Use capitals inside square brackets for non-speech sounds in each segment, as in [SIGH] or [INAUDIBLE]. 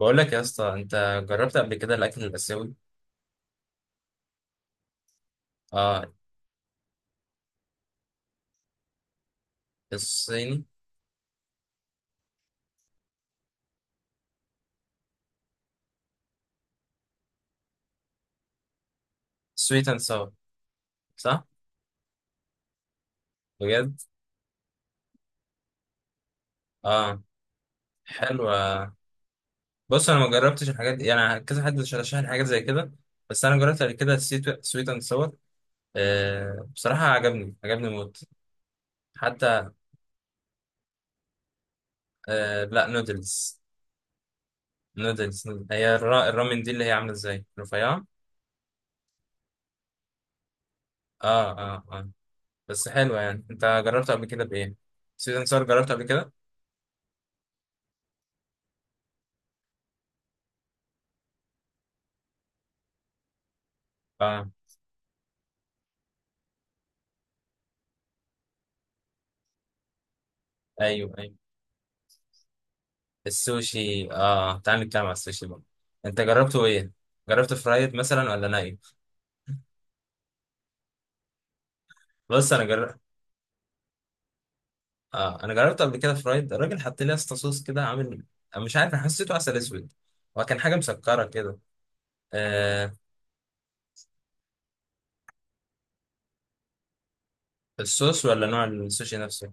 بقول لك يا اسطى، انت جربت قبل كده الاكل الاسيوي؟ اه، الصيني، سويت اند ساور، صح؟ بجد؟ اه، حلوة. بص، انا ما جربتش الحاجات دي يعني، كذا حد رشح لي حاجات زي كده. بس انا جربت قبل كده سويت اند ساور. آه، بصراحة عجبني، عجبني موت. حتى آه، لا، نودلز نودلز نودلز. هي الرامن دي اللي هي عاملة ازاي؟ رفيعة؟ اه، اه، اه. بس حلوة، يعني انت جربت قبل كده بايه؟ سويت اند ساور جربت قبل كده؟ اه، ايوه ايوه. السوشي، اه، تعال نتكلم على السوشي بقى. انت جربته ايه؟ جربت فرايد مثلا ولا ناي؟ بص، انا جربت. آه، انا جربت قبل كده فرايد. الراجل حط لي اسطى صوص كده عامل، أنا مش عارف، انا حسيته عسل اسود، وكان حاجه مسكره كده. آه، الصوص ولا نوع السوشي نفسه؟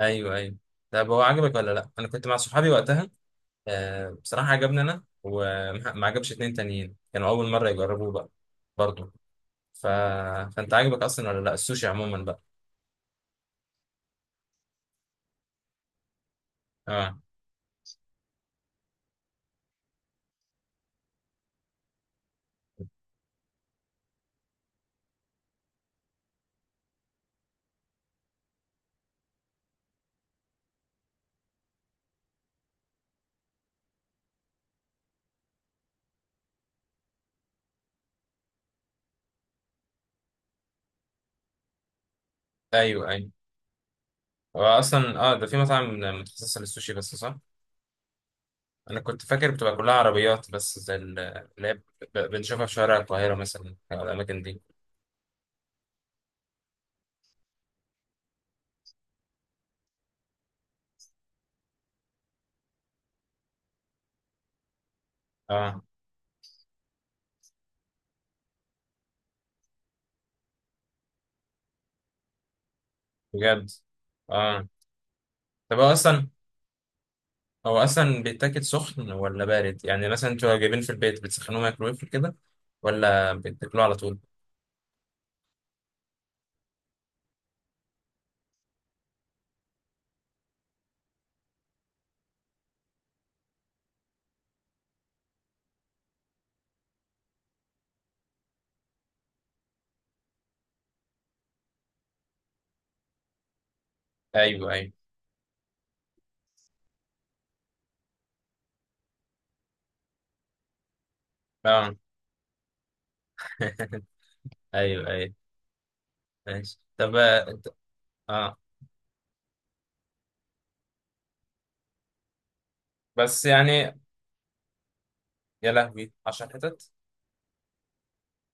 ايوه ايوه. طب هو عجبك ولا لا؟ انا كنت مع صحابي وقتها. آه، بصراحه عجبني انا، وما عجبش اتنين تانيين كانوا اول مره يجربوه بقى، برضه. ف... فانت عجبك اصلا ولا لا السوشي عموما بقى؟ اه، ايوه ايوه. هو اصلا، ده في مطاعم متخصصه للسوشي بس، صح؟ انا كنت فاكر بتبقى كلها عربيات بس زي اللي هي بنشوفها في شوارع القاهره مثلا او الاماكن دي. اه، بجد؟ اه. طب هو اصلا، بيتاكل سخن ولا بارد؟ يعني مثلا انتوا جايبين في البيت بتسخنوه مايكرويف كده، ولا بتاكلوه على طول؟ ايوه ايوه، اه [LAUGHS] ايوه ايوه، ماشي. طب اه، آه. بس يعني، يا لهوي 10 حتت؟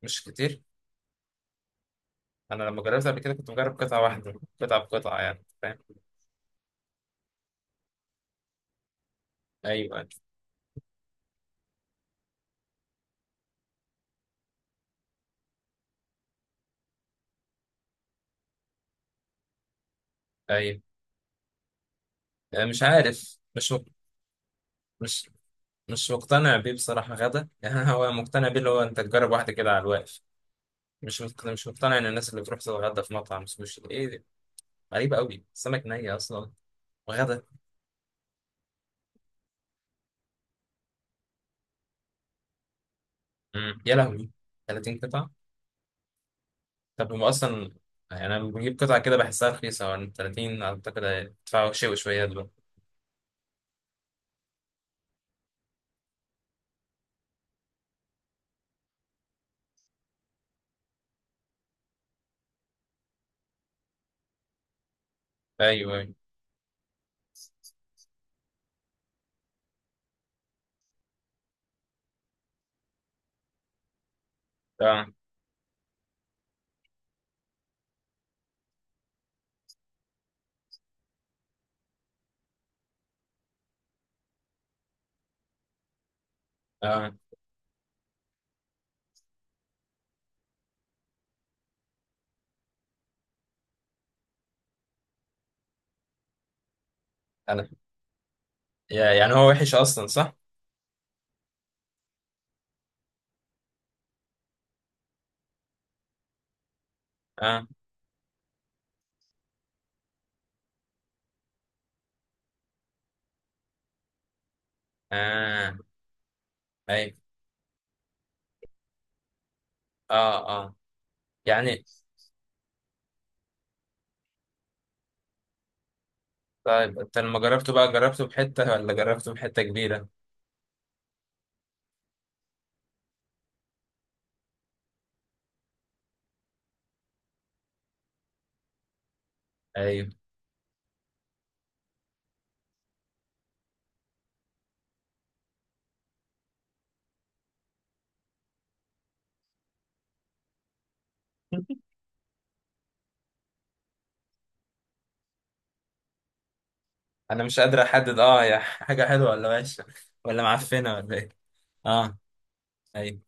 مش كتير. انا لما جربت قبل كده كنت مجرب قطعه واحده، قطعه بقطعه، يعني فاهم. ايوه ايوه. آه، مش عارف، مش مق- مش مش مقتنع بيه بصراحه غدا يعني [LAUGHS] هو مقتنع بيه اللي هو انت تجرب واحده كده على الواقف. مش مقتنع، مش مقتنع ان الناس اللي بتروح تتغدى في مطعم سوشي دي- ايه دي؟ غريبه قوي، سمك ني اصلا وغدا. مم. يا لهوي، 30 قطعه. طب هم اصلا، يعني انا بجيب قطعه كده بحسها رخيصه، يعني 30 اعتقد هيدفعوا شوي شويه دول. ايوه ايوه، اه اه. انا يعني هو وحش اصلا صح؟ اه اه، اي، اه اه، يعني. طيب انت لما جربته بقى، جربته بحتة ولا جربته بحتة كبيرة؟ ايوه. انا مش قادر احدد اه يا [LAUGHS] حاجة حلوة ولا وحشة؟ ولا معفنة ولا ايه؟ اه، ايوه،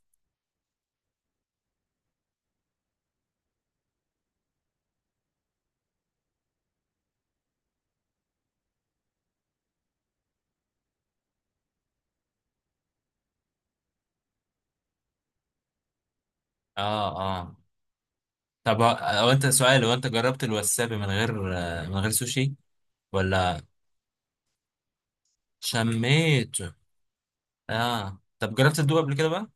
اه اه. طب هو، هو انت سؤال، هو انت جربت الوسابي من غير آه، من غير سوشي؟ ولا شميته؟ اه، طب جربت تدوق قبل كده بقى؟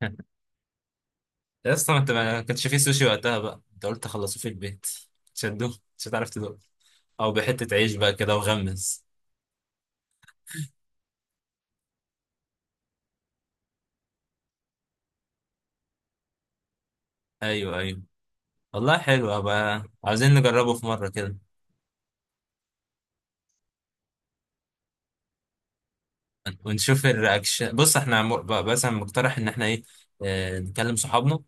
[LAUGHS] يا اسطى، ما انت ما كانش فيه سوشي وقتها بقى، انت قلت خلصوه في البيت. مش هتدوق، مش هتعرف تدوق، او بحتة عيش بقى كده وغمس؟ ايوه ايوه. والله حلو، ابقى عاوزين نجربه في مره كده ونشوف الرياكشن. بص احنا مثلا مقترح ان احنا ايه، آه، نكلم صحابنا،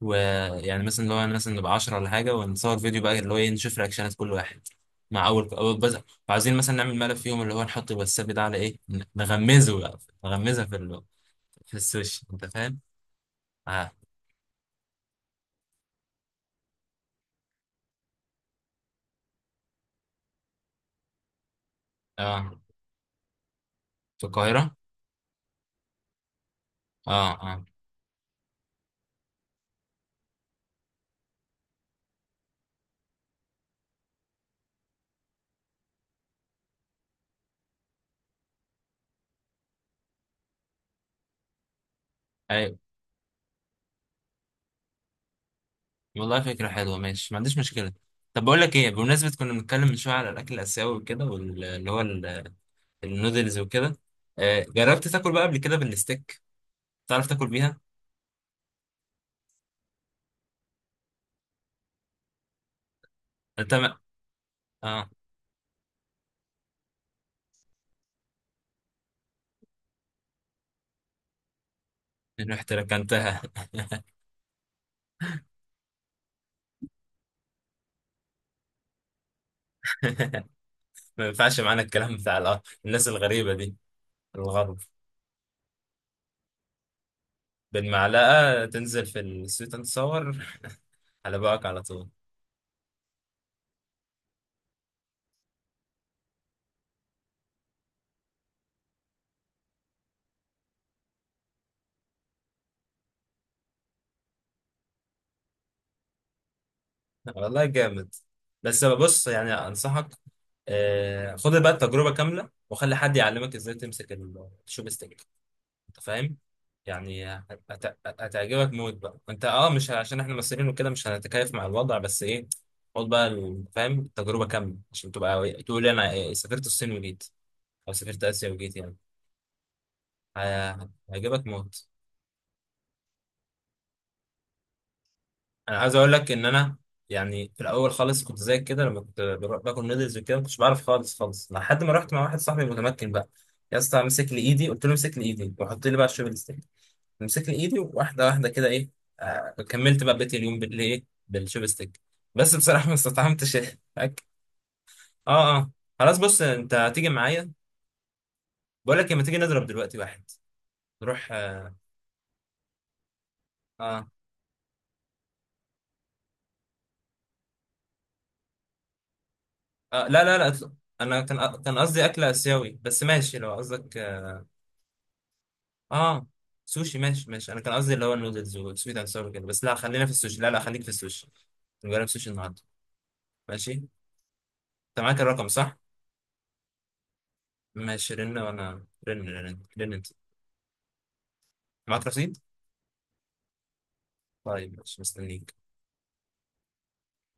ويعني مثلا اللي هو، مثلا نبقى 10 ولا حاجه، ونصور فيديو بقى اللي هو ايه، نشوف رياكشنات كل واحد مع اول اول بس. عاوزين مثلا نعمل ملف فيهم اللي هو نحط الواتساب ده على ايه، نغمزه بقى، نغمزها في في السوشيال، انت فاهم. اه اه، في القاهره؟ اه اه. أيوة. والله فكرة حلوة، ماشي، ما عنديش مشكلة. طب بقول لك ايه، بمناسبة كنا بنتكلم من شوية على الأكل الآسيوي وكده، واللي هو النودلز وكده، آه، جربت تاكل بقى قبل كده بالستيك؟ تعرف تاكل بيها؟ انت ما. اه، رحت ركنتها [LAUGHS] ما ينفعش معانا الكلام بتاع الناس الغريبة دي، الغرب. بالمعلقة تنزل في الزيت تصور. على بقك على طول. والله جامد. بس بص يعني، أنصحك آه، خد بقى التجربة كاملة، وخلي حد يعلمك ازاي تمسك الشوب ستيك. أنت فاهم يعني. هتعجبك موت بقى. انت اه، مش عشان احنا مصريين وكده مش هنتكيف مع الوضع، بس ايه، خد بقى فاهم التجربة كاملة، عشان تبقى تقول انا إيه، سافرت الصين وجيت، او سافرت اسيا وجيت يعني. ه- هيعجبك موت. انا عايز اقول لك ان انا يعني في الاول خالص كنت زيك كده، لما كنت باكل نودلز وكده، ما كنتش بعرف خالص خالص لحد ما رحت مع واحد صاحبي متمكن بقى. يا اسطى، مسك لي ايدي، قلت له امسك لي ايدي وحط لي بقى الشوبينج. مسكني ايدي واحده واحده كده ايه، آه كملت بقى، بقيت اليوم بالايه، بالشوبستيك. بس بصراحه ما استطعمتش [LAUGHS] الأكل. اه اه. خلاص، بص انت هتيجي معايا. بقول لك، لما تيجي نضرب دلوقتي واحد، نروح آه, اه لا لا لا، اطلع. انا كان قصدي اكل اسيوي، بس ماشي لو قصدك، اه، آه، سوشي، ماشي ماشي. انا كان قصدي اللي هو النودلز والسويت اند ساور كده، بس لا، خلينا في السوشي، لا لا خليك في السوشي. نجرب سوشي النهارده، ماشي. انت معاك الرقم صح؟ ماشي، رن، وانا رن رن رن. انت معاك رصيد؟ طيب ماشي، مستنيك.